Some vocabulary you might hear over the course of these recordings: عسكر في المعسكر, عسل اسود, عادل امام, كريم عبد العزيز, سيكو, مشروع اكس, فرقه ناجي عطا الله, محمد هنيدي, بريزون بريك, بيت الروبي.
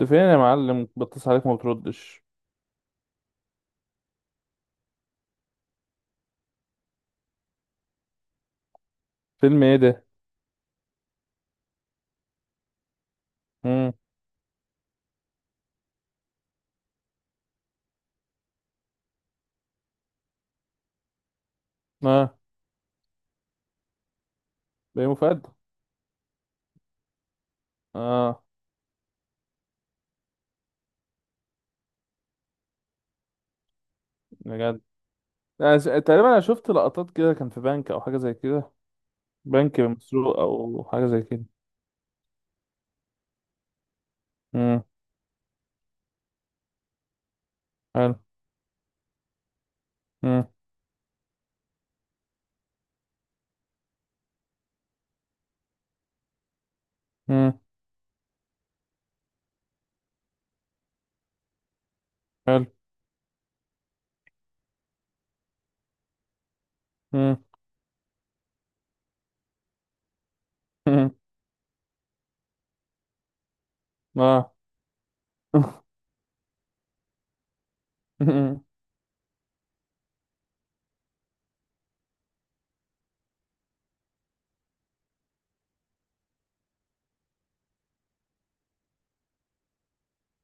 انت فين يا معلم؟ بتصل عليك ما بتردش. فيلم ايه ده؟ امم. اه. بيومي فؤاد. اه، بجد؟ تقريبا انا شفت لقطات كده، كان في بنك او حاجه زي كده. بنك مسروق او حاجه زي كده. امم. حلو. امم. امم. حلو. امم. امم. اه. امم.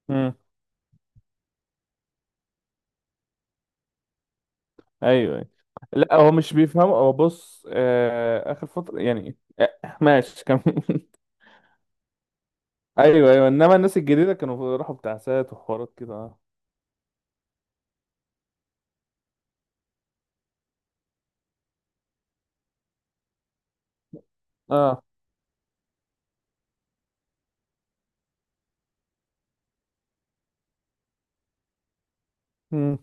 امم. ايوه، أيوة. لا هو مش بيفهم، هو بص اخر فتره يعني، ماشي كم. ايوه، ايوه، انما الناس الجديده كانوا راحوا بتاع سات وحوارات كده، اه. اه. مم.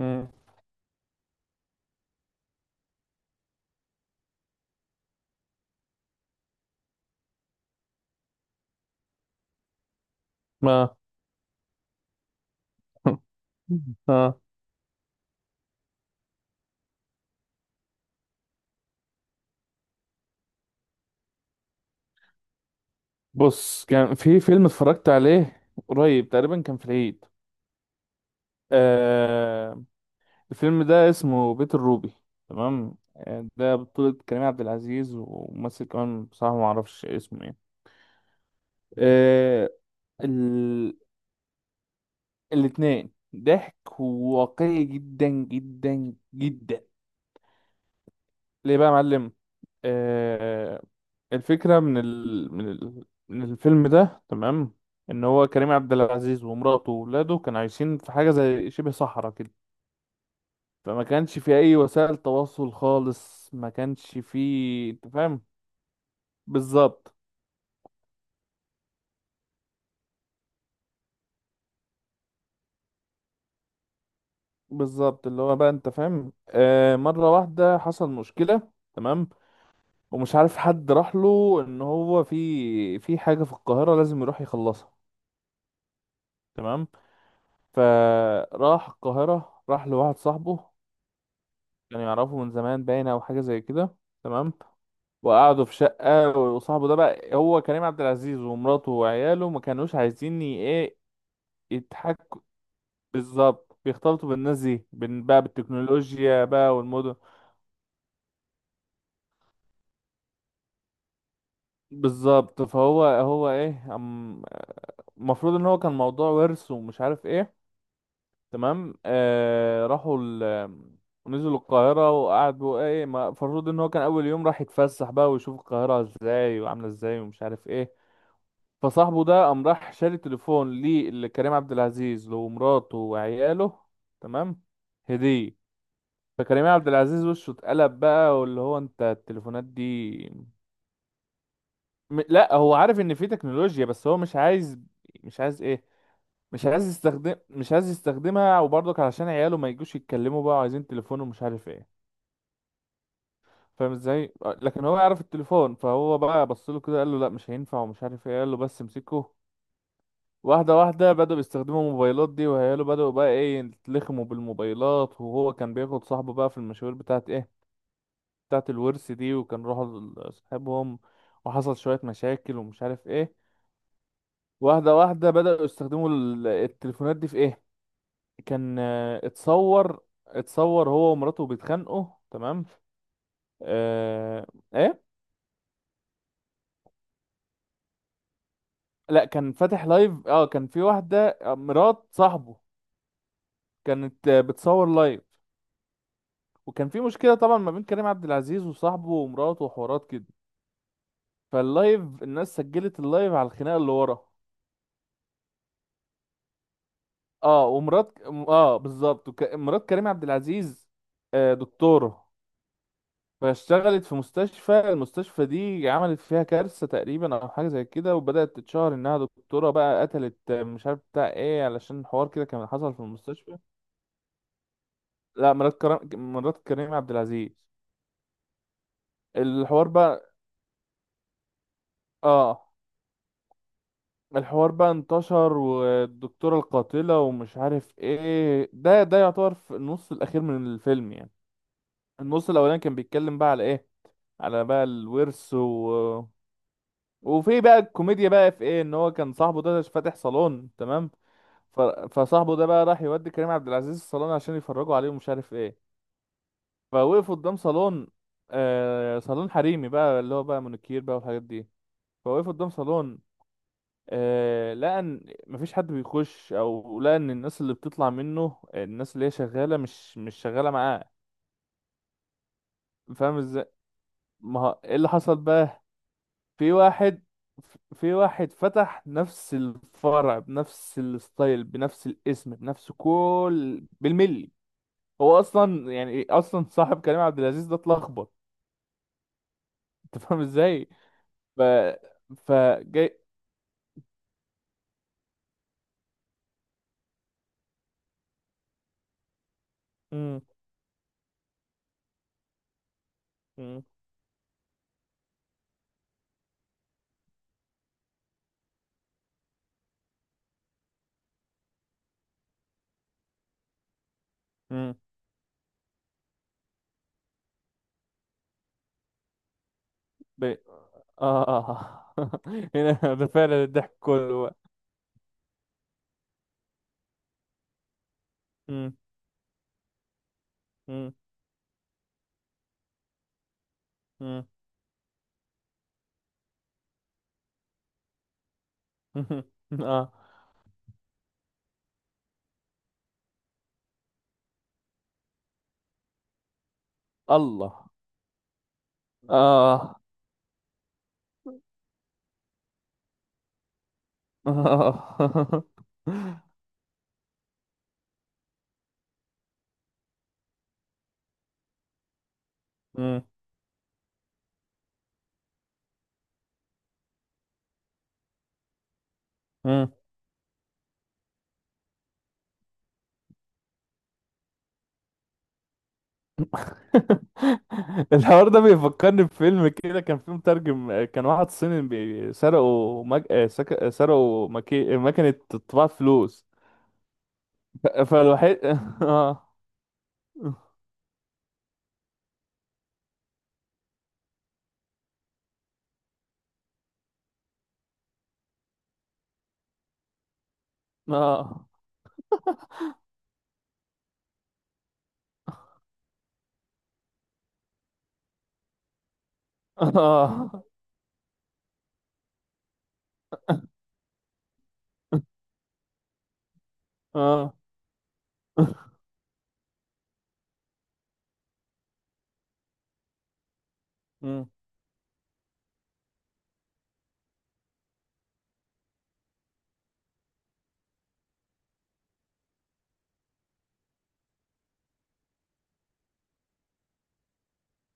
مم. ما اه، بص كان في فيلم اتفرجت عليه، قريب تقريبا كان في العيد. آه. الفيلم ده اسمه بيت الروبي. تمام. ده بطولة كريم عبد العزيز وممثل كمان، بصراحة ما اعرفش اسمه ايه. آه. ال... الاتنين ضحك واقعي جدا جدا جدا. ليه بقى يا معلم؟ آه، الفكرة من الفيلم ده، تمام. ان هو كريم عبد العزيز ومراته وولاده كانوا عايشين في حاجة زي شبه صحراء كده. فما كانش في اي وسائل تواصل خالص، ما كانش في، انت فاهم. بالظبط. بالظبط، اللي هو بقى انت فاهم، مرة واحدة حصل مشكلة. تمام. ومش عارف حد راح له ان هو في حاجة في القاهرة لازم يروح يخلصها. تمام. فراح القاهرة، راح لواحد صاحبه. كانوا يعرفوا من زمان باينة او حاجة زي كده. تمام. وقعدوا في شقة، وصاحبه ده بقى هو كريم عبد العزيز، ومراته وعياله ما كانوش عايزين ايه، يتحكوا. بالظبط، بيختلطوا بالناس دي بقى بالتكنولوجيا بقى والمدن. بالظبط. فهو هو ايه المفروض ان هو كان موضوع ورث ومش عارف ايه. تمام. راحوا نزلوا القاهرة وقعدوا ايه، المفروض ان هو كان اول يوم راح يتفسح بقى ويشوف القاهرة ازاي وعاملة ازاي ومش عارف ايه. فصاحبه ده قام راح شاري تليفون لكريم عبد العزيز، لمراته وعياله. تمام. هدية. فكريم عبد العزيز وشه اتقلب بقى، واللي هو انت التليفونات دي. لا هو عارف ان في تكنولوجيا بس هو مش عايز. مش عايز ايه؟ مش عايز يستخدمها، وبرضك علشان عياله ما يجوش يتكلموا بقى، وعايزين تليفون ومش عارف ايه. فاهم ازاي. لكن هو يعرف التليفون، فهو بقى بص له كده قال له لا مش هينفع ومش عارف ايه، قال له بس امسكه. واحدة واحدة بدأوا يستخدموا الموبايلات دي، وهيالو بدأوا بقى ايه يتلخموا بالموبايلات، وهو كان بياخد صاحبه بقى في المشاوير بتاعت ايه، بتاعت الورث دي. وكان راحوا لصاحبهم، وحصل شوية مشاكل ومش عارف ايه. واحدة واحدة بدأوا يستخدموا التليفونات دي في ايه. كان، اتصور، اتصور هو ومراته بيتخانقوا. تمام. اه. ايه. لا، كان فاتح لايف. اه كان في واحدة، مرات صاحبه، كانت بتصور لايف. وكان في مشكله طبعا ما بين كريم عبد العزيز وصاحبه ومراته وحوارات كده. فاللايف الناس سجلت اللايف على الخناقه اللي ورا. اه، ومرات. اه، بالظبط. مرات كريم عبد العزيز دكتوره. فاشتغلت في مستشفى، المستشفى دي عملت فيها كارثه تقريبا او حاجه زي كده، وبدات تتشهر انها دكتوره بقى قتلت، مش عارف بتاع ايه، علشان حوار كده كان حصل في المستشفى. لا، مرات كريم عبد العزيز. الحوار بقى، اه، الحوار بقى انتشر، والدكتورة القاتلة ومش عارف ايه. ده يعتبر في النص الأخير من الفيلم يعني. النص الأولاني كان بيتكلم بقى على ايه، على بقى الورث وفي بقى الكوميديا بقى في ايه، ان هو كان صاحبه ده فاتح صالون، تمام. ف... فصاحبه ده بقى راح يودي كريم عبد العزيز الصالون عشان يفرجوا عليه ومش عارف ايه. فوقفوا قدام صالون، صالون حريمي بقى، اللي هو بقى منوكير بقى والحاجات دي. فوقفوا قدام صالون، لقى ان مفيش حد بيخش، او لقى ان الناس اللي بتطلع منه، الناس اللي هي شغاله مش شغاله معاه. فاهم ازاي. ما هو ايه اللي حصل بقى؟ في واحد في واحد فتح نفس الفرع بنفس الستايل بنفس الاسم بنفس كل بالملي. هو اصلا يعني اصلا صاحب كريم عبد العزيز ده اتلخبط. انت فاهم ازاي. ف فجاي. مم. مم. مم. ب- اه. هنا ده فعلا الضحك كله. مم. مم. مم. اه. الله. اه، آه. مم. مم. الحوار ده بيفكرني بفيلم كده، كان فيه مترجم، كان واحد صيني، سرقوا سرقوا مكنة طباعة فلوس. فالوحيد. اه. اه. اه. اه. مم.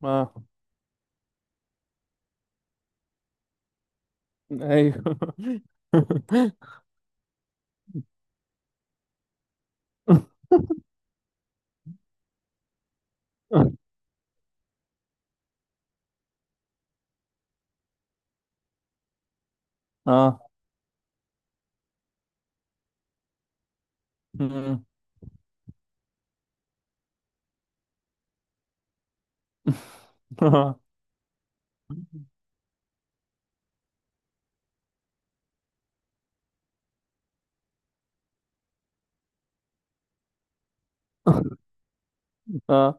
اه. ايوه. اه. اه. اه.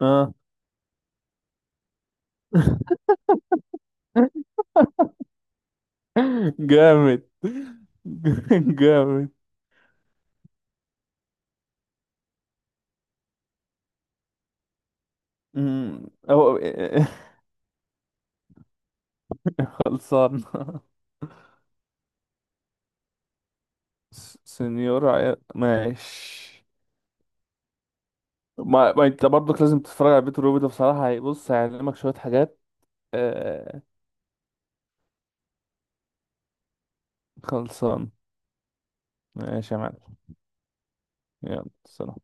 اه. جامد. جامد. أو. خلصان. سنيور عيال، ماشي. ما انت برضك لازم تتفرج على بيت الروبي ده، بصراحة هيبص هيعلمك شوية حاجات. آه... خلصان. ماشي يا معلم. يلا، سلام.